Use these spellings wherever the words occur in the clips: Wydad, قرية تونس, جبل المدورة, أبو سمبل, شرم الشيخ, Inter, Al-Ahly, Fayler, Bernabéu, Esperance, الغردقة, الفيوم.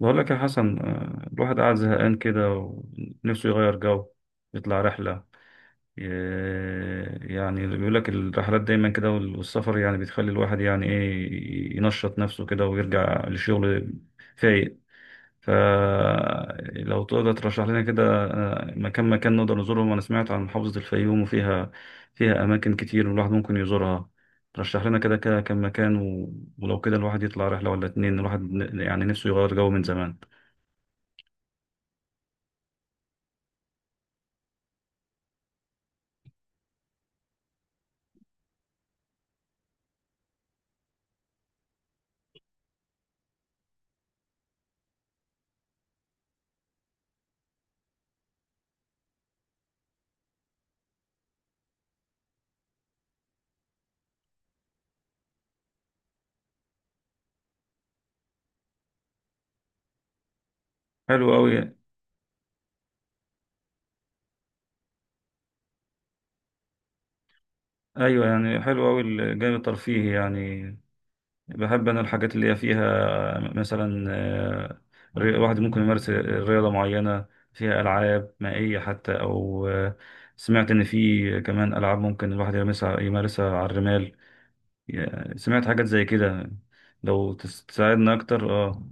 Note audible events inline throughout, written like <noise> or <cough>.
بقول لك يا حسن الواحد قاعد زهقان كده ونفسه يغير جو يطلع رحلة. يعني بيقول لك الرحلات دايما كده والسفر يعني بتخلي الواحد يعني ايه ينشط نفسه كده ويرجع للشغل فايق. فلو تقدر ترشح لنا كده مكان مكان نقدر نزورهم. انا سمعت عن محافظة الفيوم وفيها اماكن كتير الواحد ممكن يزورها. رشح لنا كده كده كم مكان ولو كده الواحد يطلع رحلة ولا اتنين، الواحد يعني نفسه يغير جو من زمان. حلو أوي. أيوة، يعني حلو أوي الجانب الترفيهي يعني. بحب أنا الحاجات اللي هي فيها، مثلا واحد ممكن يمارس رياضة معينة. فيها ألعاب مائية حتى أو سمعت إن في كمان ألعاب ممكن الواحد يمارسها على الرمال. سمعت حاجات زي كده. لو تساعدنا أكتر أه.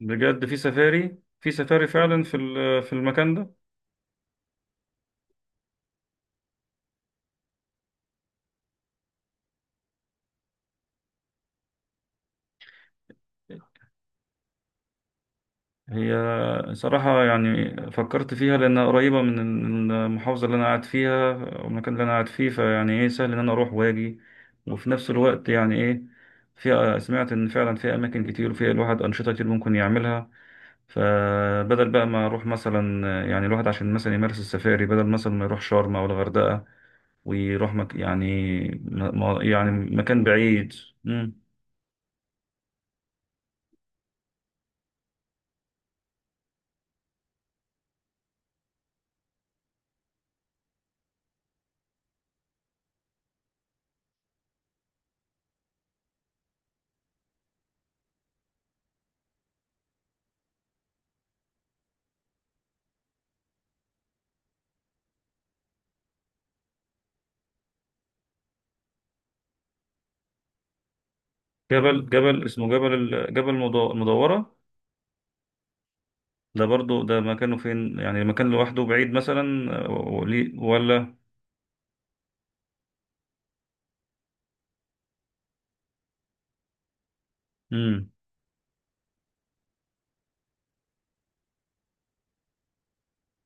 بجد في سفاري فعلا في المكان ده. هي، صراحة يعني فكرت فيها لأنها قريبة من المحافظة اللي أنا قاعد فيها، والمكان اللي أنا قاعد فيه فيعني إيه سهل إن أنا أروح وأجي، وفي نفس الوقت يعني إيه فيها، سمعت إن فعلا فيها أماكن كتير وفيها الواحد أنشطة كتير ممكن يعملها. فبدل بقى ما أروح مثلا، يعني الواحد عشان مثلا يمارس السفاري بدل مثلا ما يروح شرم أو الغردقة، ويروح يعني يعني مكان بعيد. مم. جبل اسمه المدورة. ده برضو ده مكانه فين؟ يعني المكان لوحده بعيد مثلا ولا. امم.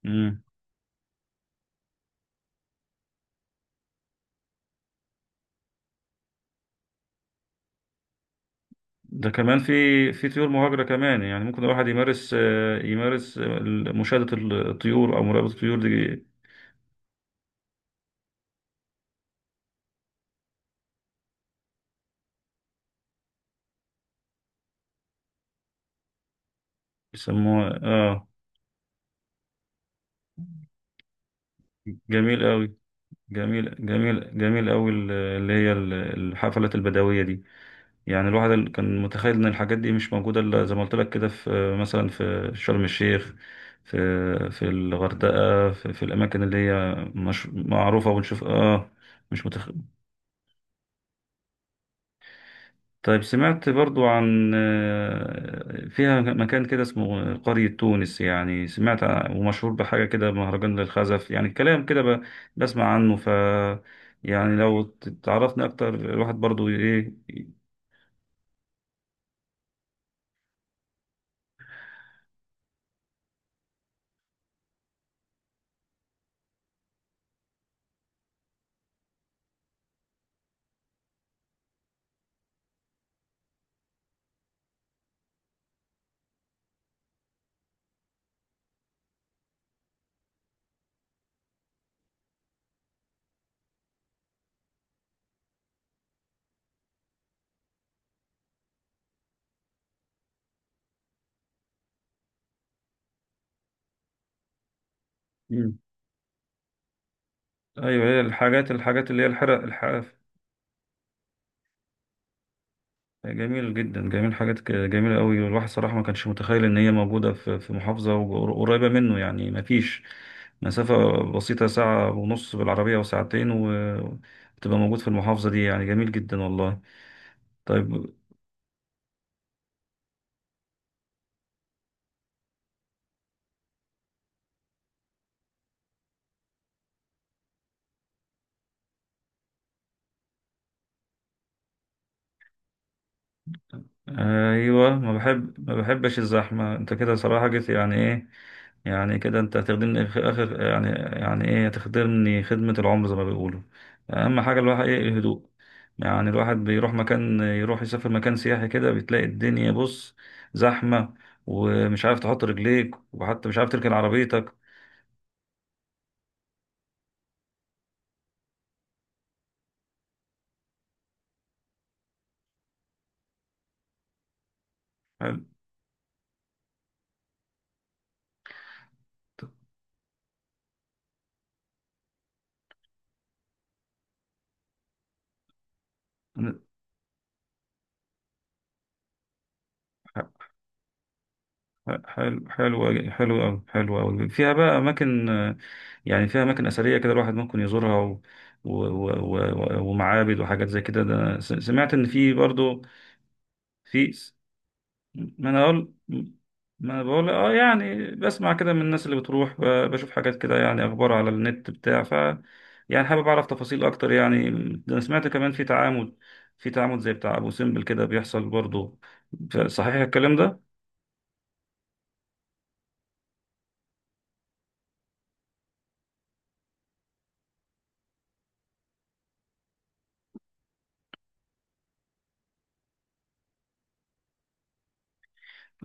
امم. ده كمان في طيور مهاجرة كمان، يعني ممكن الواحد يمارس مشاهدة الطيور أو مراقبة الطيور دي بيسموها اه. جميل قوي. جميل جميل جميل قوي اللي هي الحفلات البدوية دي. يعني الواحد كان متخيل ان الحاجات دي مش موجوده الا زي ما قلت لك كده، في مثلا في شرم الشيخ، في في الغردقه، في الاماكن اللي هي مش معروفه وبنشوف اه. مش متخ. طيب سمعت برضو عن فيها مكان كده اسمه قرية تونس، يعني سمعت ومشهور بحاجة كده، مهرجان للخزف، يعني كلام كده بسمع عنه يعني لو تعرفني أكتر الواحد برضو إيه. مم. ايوه، هي الحاجات اللي هي الحرق. جميل جدا، جميل حاجات جميلة قوي، والواحد صراحة ما كانش متخيل ان هي موجودة في محافظة قريبة منه، يعني ما فيش مسافة، بسيطة ساعة ونص بالعربية وساعتين وتبقى موجود في المحافظة دي، يعني جميل جدا والله. طيب. ايوه، ما بحب، ما بحبش الزحمه، انت كده صراحه جيت يعني ايه، يعني كده انت هتخدمني في اخر، يعني يعني ايه هتخدمني خدمه العمر زي ما بيقولوا. اهم حاجه الواحد ايه الهدوء. يعني الواحد بيروح مكان، يروح يسافر مكان سياحي كده بتلاقي الدنيا، بص، زحمه، ومش عارف تحط رجليك، وحتى مش عارف تركن عربيتك. حلو. حلو حلو حلو أوي. حلو أوي، فيها بقى أماكن يعني فيها أماكن أثرية كده الواحد ممكن يزورها و... و... ومعابد وحاجات زي كده. ده سمعت إن في برضو في س- ما أنا أقول. ما أنا بقول يعني بسمع كده من الناس اللي بتروح، بشوف حاجات كده، يعني أخبار على النت بتاع يعني حابب أعرف تفاصيل أكتر يعني. ده أنا سمعت كمان في تعامد، في تعامد زي بتاع أبو سمبل كده بيحصل برضو. صحيح الكلام ده؟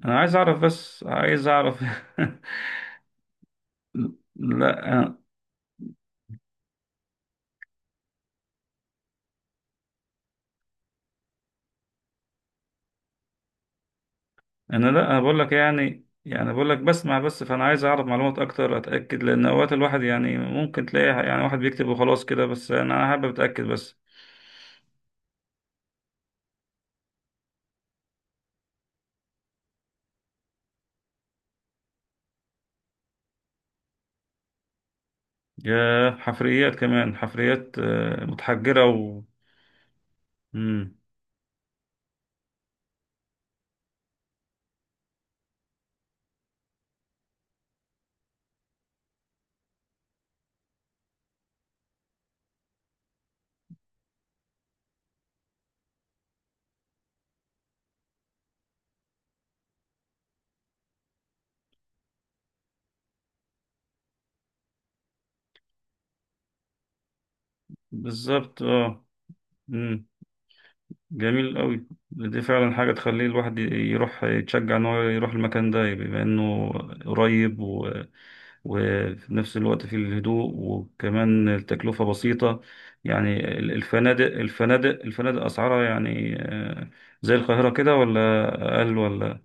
انا عايز اعرف، بس عايز اعرف <laughs> لا، انا. أنا، لا، انا بقول لك، يعني بقول لك بسمع بس، فانا عايز اعرف معلومات اكتر اتاكد، لان اوقات الواحد يعني ممكن تلاقي يعني واحد بيكتب وخلاص كده بس، انا حابب اتاكد بس. يا حفريات، كمان حفريات متحجره و. مم. بالظبط اه. مم. جميل قوي، دي فعلا حاجه تخليه الواحد يروح، يتشجع ان هو يروح المكان ده، بما انه قريب، وفي نفس الوقت في الهدوء وكمان التكلفة بسيطة. يعني الفنادق أسعارها يعني زي القاهرة كده ولا أقل، ولا؟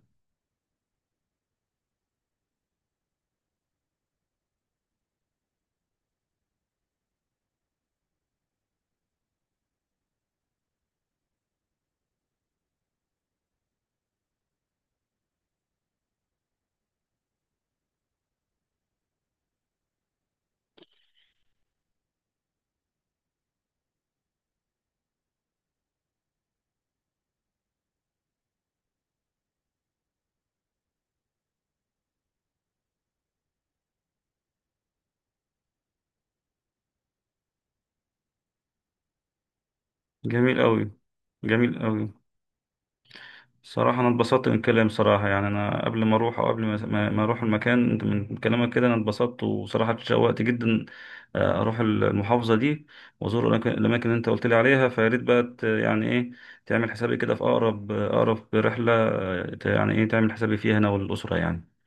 جميل أوي. جميل أوي، صراحة أنا اتبسطت من الكلام، صراحة يعني أنا قبل ما أروح، أو قبل ما أروح المكان، أنت من كلامك كده أنا اتبسطت وصراحة اتشوقت جدا أروح المحافظة دي وأزور الأماكن اللي أنت قلت لي عليها. فيا ريت بقى يعني إيه تعمل حسابي كده في أقرب، رحلة، يعني إيه تعمل حسابي فيها أنا والأسرة يعني.